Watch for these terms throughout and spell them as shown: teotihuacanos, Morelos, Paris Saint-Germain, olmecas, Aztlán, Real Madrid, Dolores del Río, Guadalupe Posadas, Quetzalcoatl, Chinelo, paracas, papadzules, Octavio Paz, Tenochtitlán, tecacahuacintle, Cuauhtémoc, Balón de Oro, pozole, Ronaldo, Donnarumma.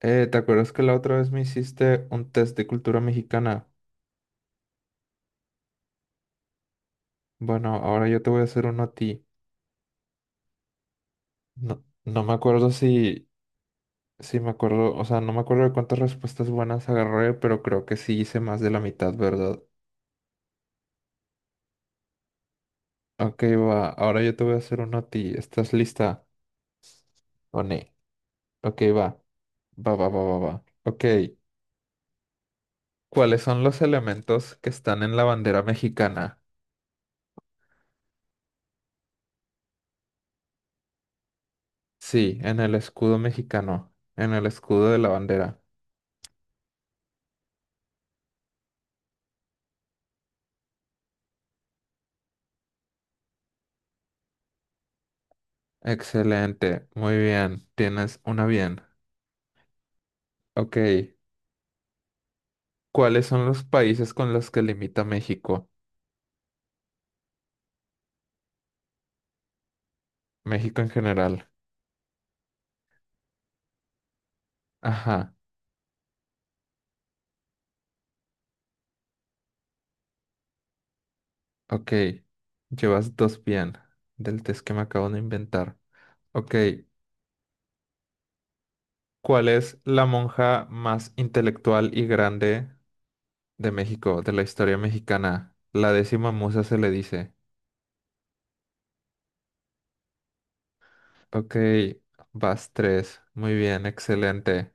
¿Te acuerdas que la otra vez me hiciste un test de cultura mexicana? Bueno, ahora yo te voy a hacer uno a ti. No, no me acuerdo si me acuerdo, o sea, no me acuerdo de cuántas respuestas buenas agarré, pero creo que sí hice más de la mitad, ¿verdad? Ok, va, ahora yo te voy a hacer uno a ti. ¿Estás lista? ¿O no? Ok, va, va, va, va, va, va. Ok, ¿cuáles son los elementos que están en la bandera mexicana? Sí, en el escudo mexicano, en el escudo de la bandera. Excelente, muy bien, tienes una bien. Ok, ¿cuáles son los países con los que limita México? México en general. Ajá, ok, llevas dos bien del test que me acabo de inventar. Ok, ¿cuál es la monja más intelectual y grande de México, de la historia mexicana? La décima musa se le dice. Ok, vas tres, muy bien, excelente,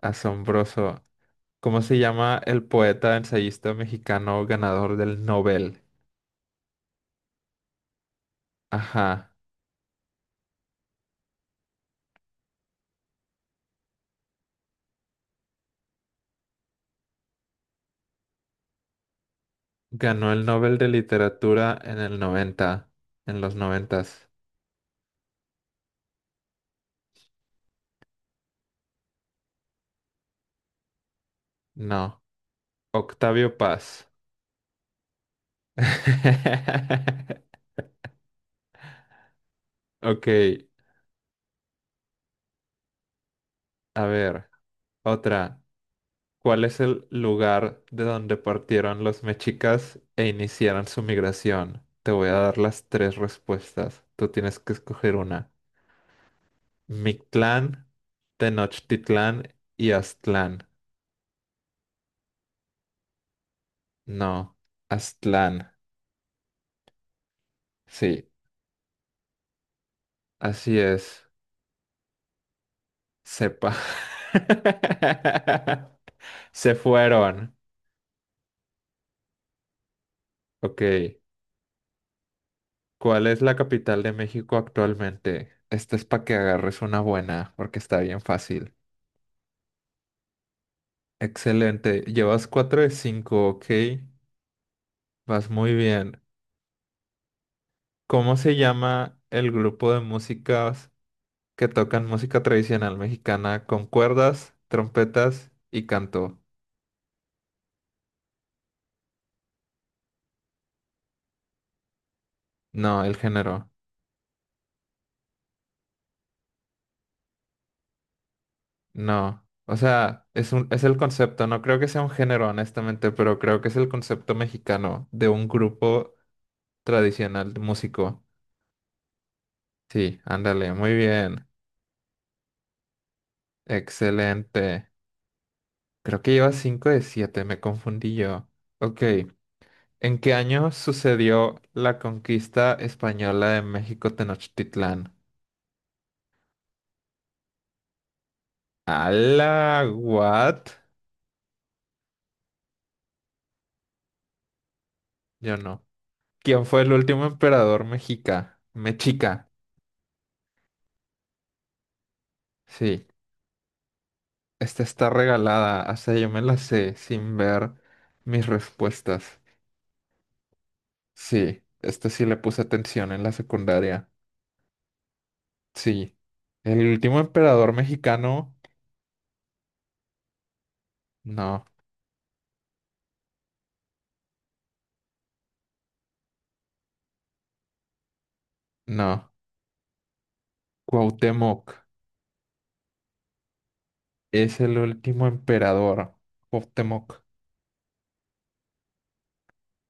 asombroso. ¿Cómo se llama el poeta ensayista mexicano ganador del Nobel? Ajá. Ganó el Nobel de Literatura en el 90, en los noventas. No. Octavio Paz. Ok, a ver, otra. ¿Cuál es el lugar de donde partieron los mexicas e iniciaron su migración? Te voy a dar las tres respuestas. Tú tienes que escoger una. Mictlán, Tenochtitlán y Aztlán. No, Aztlán. Sí, así es. Sepa. Se fueron. Ok. ¿Cuál es la capital de México actualmente? Esta es para que agarres una buena, porque está bien fácil. Excelente. Llevas 4 de 5. Ok. Vas muy bien. ¿Cómo se llama el grupo de músicas que tocan música tradicional mexicana con cuerdas, trompetas y canto? No, el género. No, o sea, es un, es el concepto, no creo que sea un género, honestamente, pero creo que es el concepto mexicano de un grupo tradicional de músico. Sí, ándale, muy bien, excelente. Creo que lleva 5 de 7. Me confundí yo. Ok, ¿en qué año sucedió la conquista española de México Tenochtitlán? ¡Hala! ¿What? Yo no. ¿Quién fue el último emperador mexica? Mexica, sí. Esta está regalada, o sea, yo me la sé sin ver mis respuestas. Sí, esta sí le puse atención en la secundaria. Sí. El último emperador mexicano. No, no. Cuauhtémoc es el último emperador. Cuauhtémoc.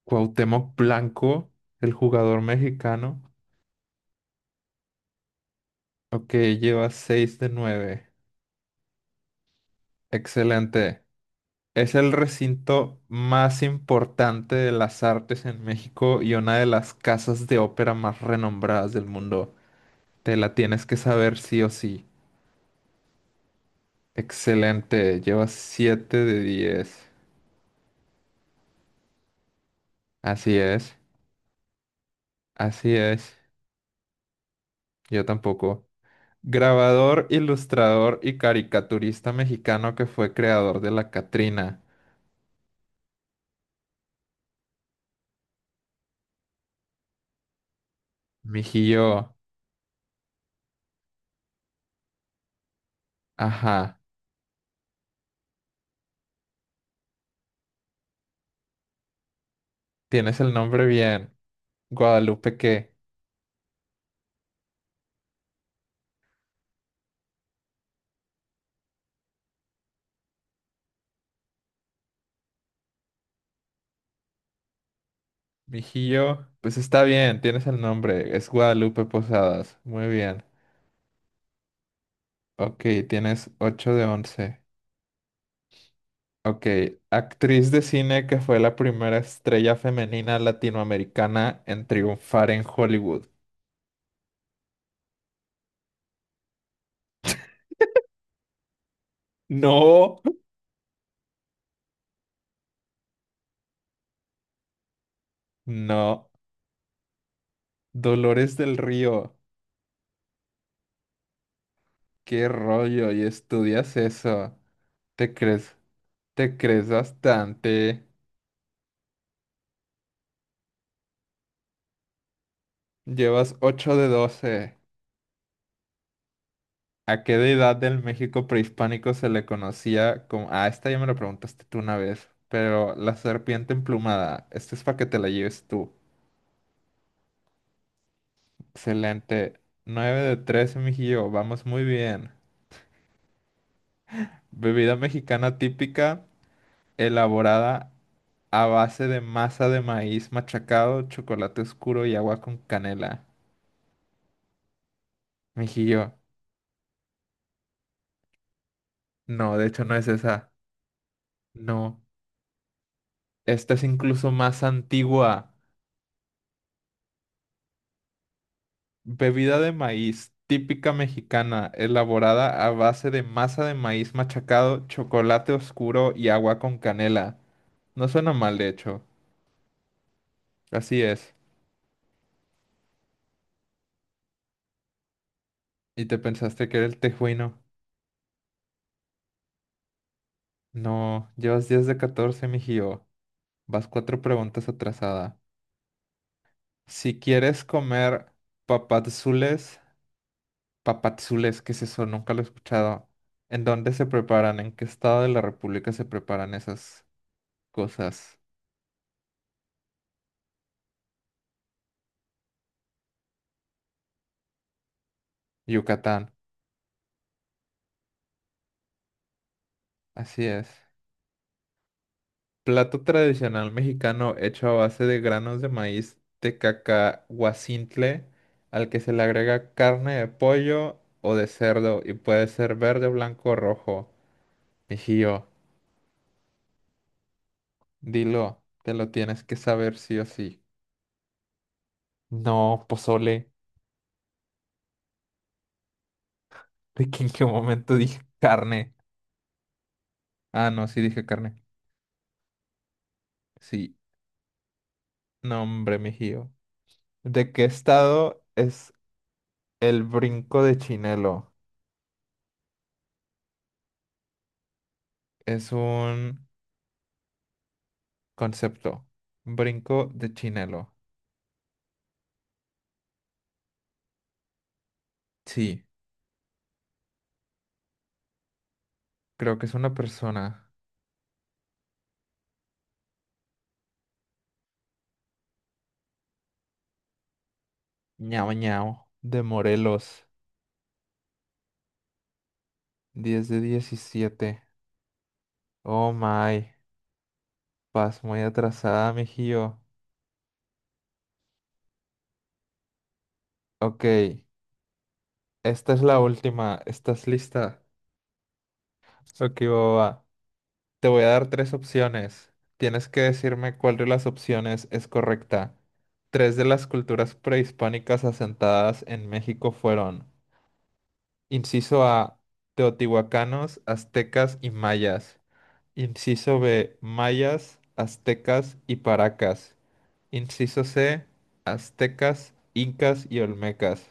Cuauhtémoc Blanco, el jugador mexicano. Ok, lleva 6 de nueve. Excelente. Es el recinto más importante de las artes en México y una de las casas de ópera más renombradas del mundo. Te la tienes que saber sí o sí. Excelente, llevas siete de 10. Así es, así es, yo tampoco. Grabador, ilustrador y caricaturista mexicano que fue creador de la Catrina. Mijillo, ajá, tienes el nombre bien. Guadalupe, ¿qué? Mijillo, pues está bien, tienes el nombre, es Guadalupe Posadas, muy bien. Ok, tienes ocho de 11. Ok, actriz de cine que fue la primera estrella femenina latinoamericana en triunfar en Hollywood. No, no, Dolores del Río, qué rollo, y estudias eso. Te crees, te crees bastante. Llevas ocho de 12. ¿A qué deidad del México prehispánico se le conocía como... Ah, esta ya me la preguntaste tú una vez, pero la serpiente emplumada, esta es para que te la lleves tú. Excelente. Nueve de 13, mijillo, vamos muy bien. Bebida mexicana típica, elaborada a base de masa de maíz machacado, chocolate oscuro y agua con canela. Mijillo, no, de hecho no es esa. No, esta es incluso más antigua. Bebida de maíz, típica mexicana, elaborada a base de masa de maíz machacado, chocolate oscuro y agua con canela. No suena mal, de hecho. Así es. ¿Y te pensaste que era el tejuino? No, llevas 10 de 14, mijío. Vas cuatro preguntas atrasada. Si quieres comer papadzules, papadzules, ¿qué es eso? Nunca lo he escuchado. ¿En dónde se preparan? ¿En qué estado de la República se preparan esas cosas? Yucatán. Así es. Plato tradicional mexicano hecho a base de granos de maíz tecacahuacintle, al que se le agrega carne de pollo o de cerdo y puede ser verde, blanco o rojo. Mijillo, dilo, te lo tienes que saber sí o sí. No, pozole. ¿De qué en qué momento dije carne? Ah, no, sí dije carne. Sí, no, hombre, mijillo. ¿De qué estado es el brinco de Chinelo? Es un concepto. Brinco de Chinelo. Sí, creo que es una persona. Ñao Ñao. De Morelos. 10 de 17. Oh my. Vas muy atrasada, mijío. Ok. Esta es la última. ¿Estás lista? Ok, boba. Te voy a dar tres opciones. Tienes que decirme cuál de las opciones es correcta. Tres de las culturas prehispánicas asentadas en México fueron. Inciso A, teotihuacanos, aztecas y mayas. Inciso B, mayas, aztecas y paracas. Inciso C, aztecas, incas y olmecas.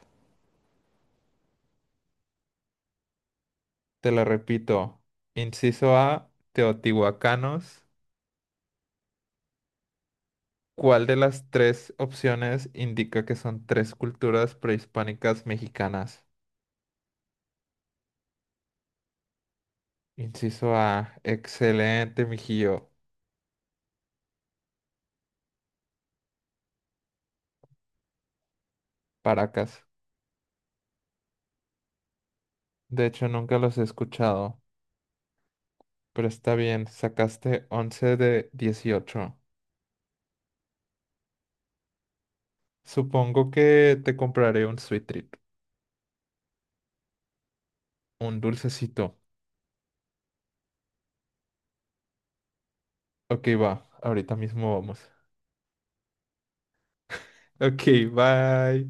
Te lo repito. Inciso A, teotihuacanos. ¿Cuál de las tres opciones indica que son tres culturas prehispánicas mexicanas? Inciso A, excelente, mijillo. Paracas. De hecho, nunca los he escuchado. Pero está bien, sacaste 11 de 18. Supongo que te compraré un sweet treat, un dulcecito. Ok, va, ahorita mismo vamos. Ok, bye.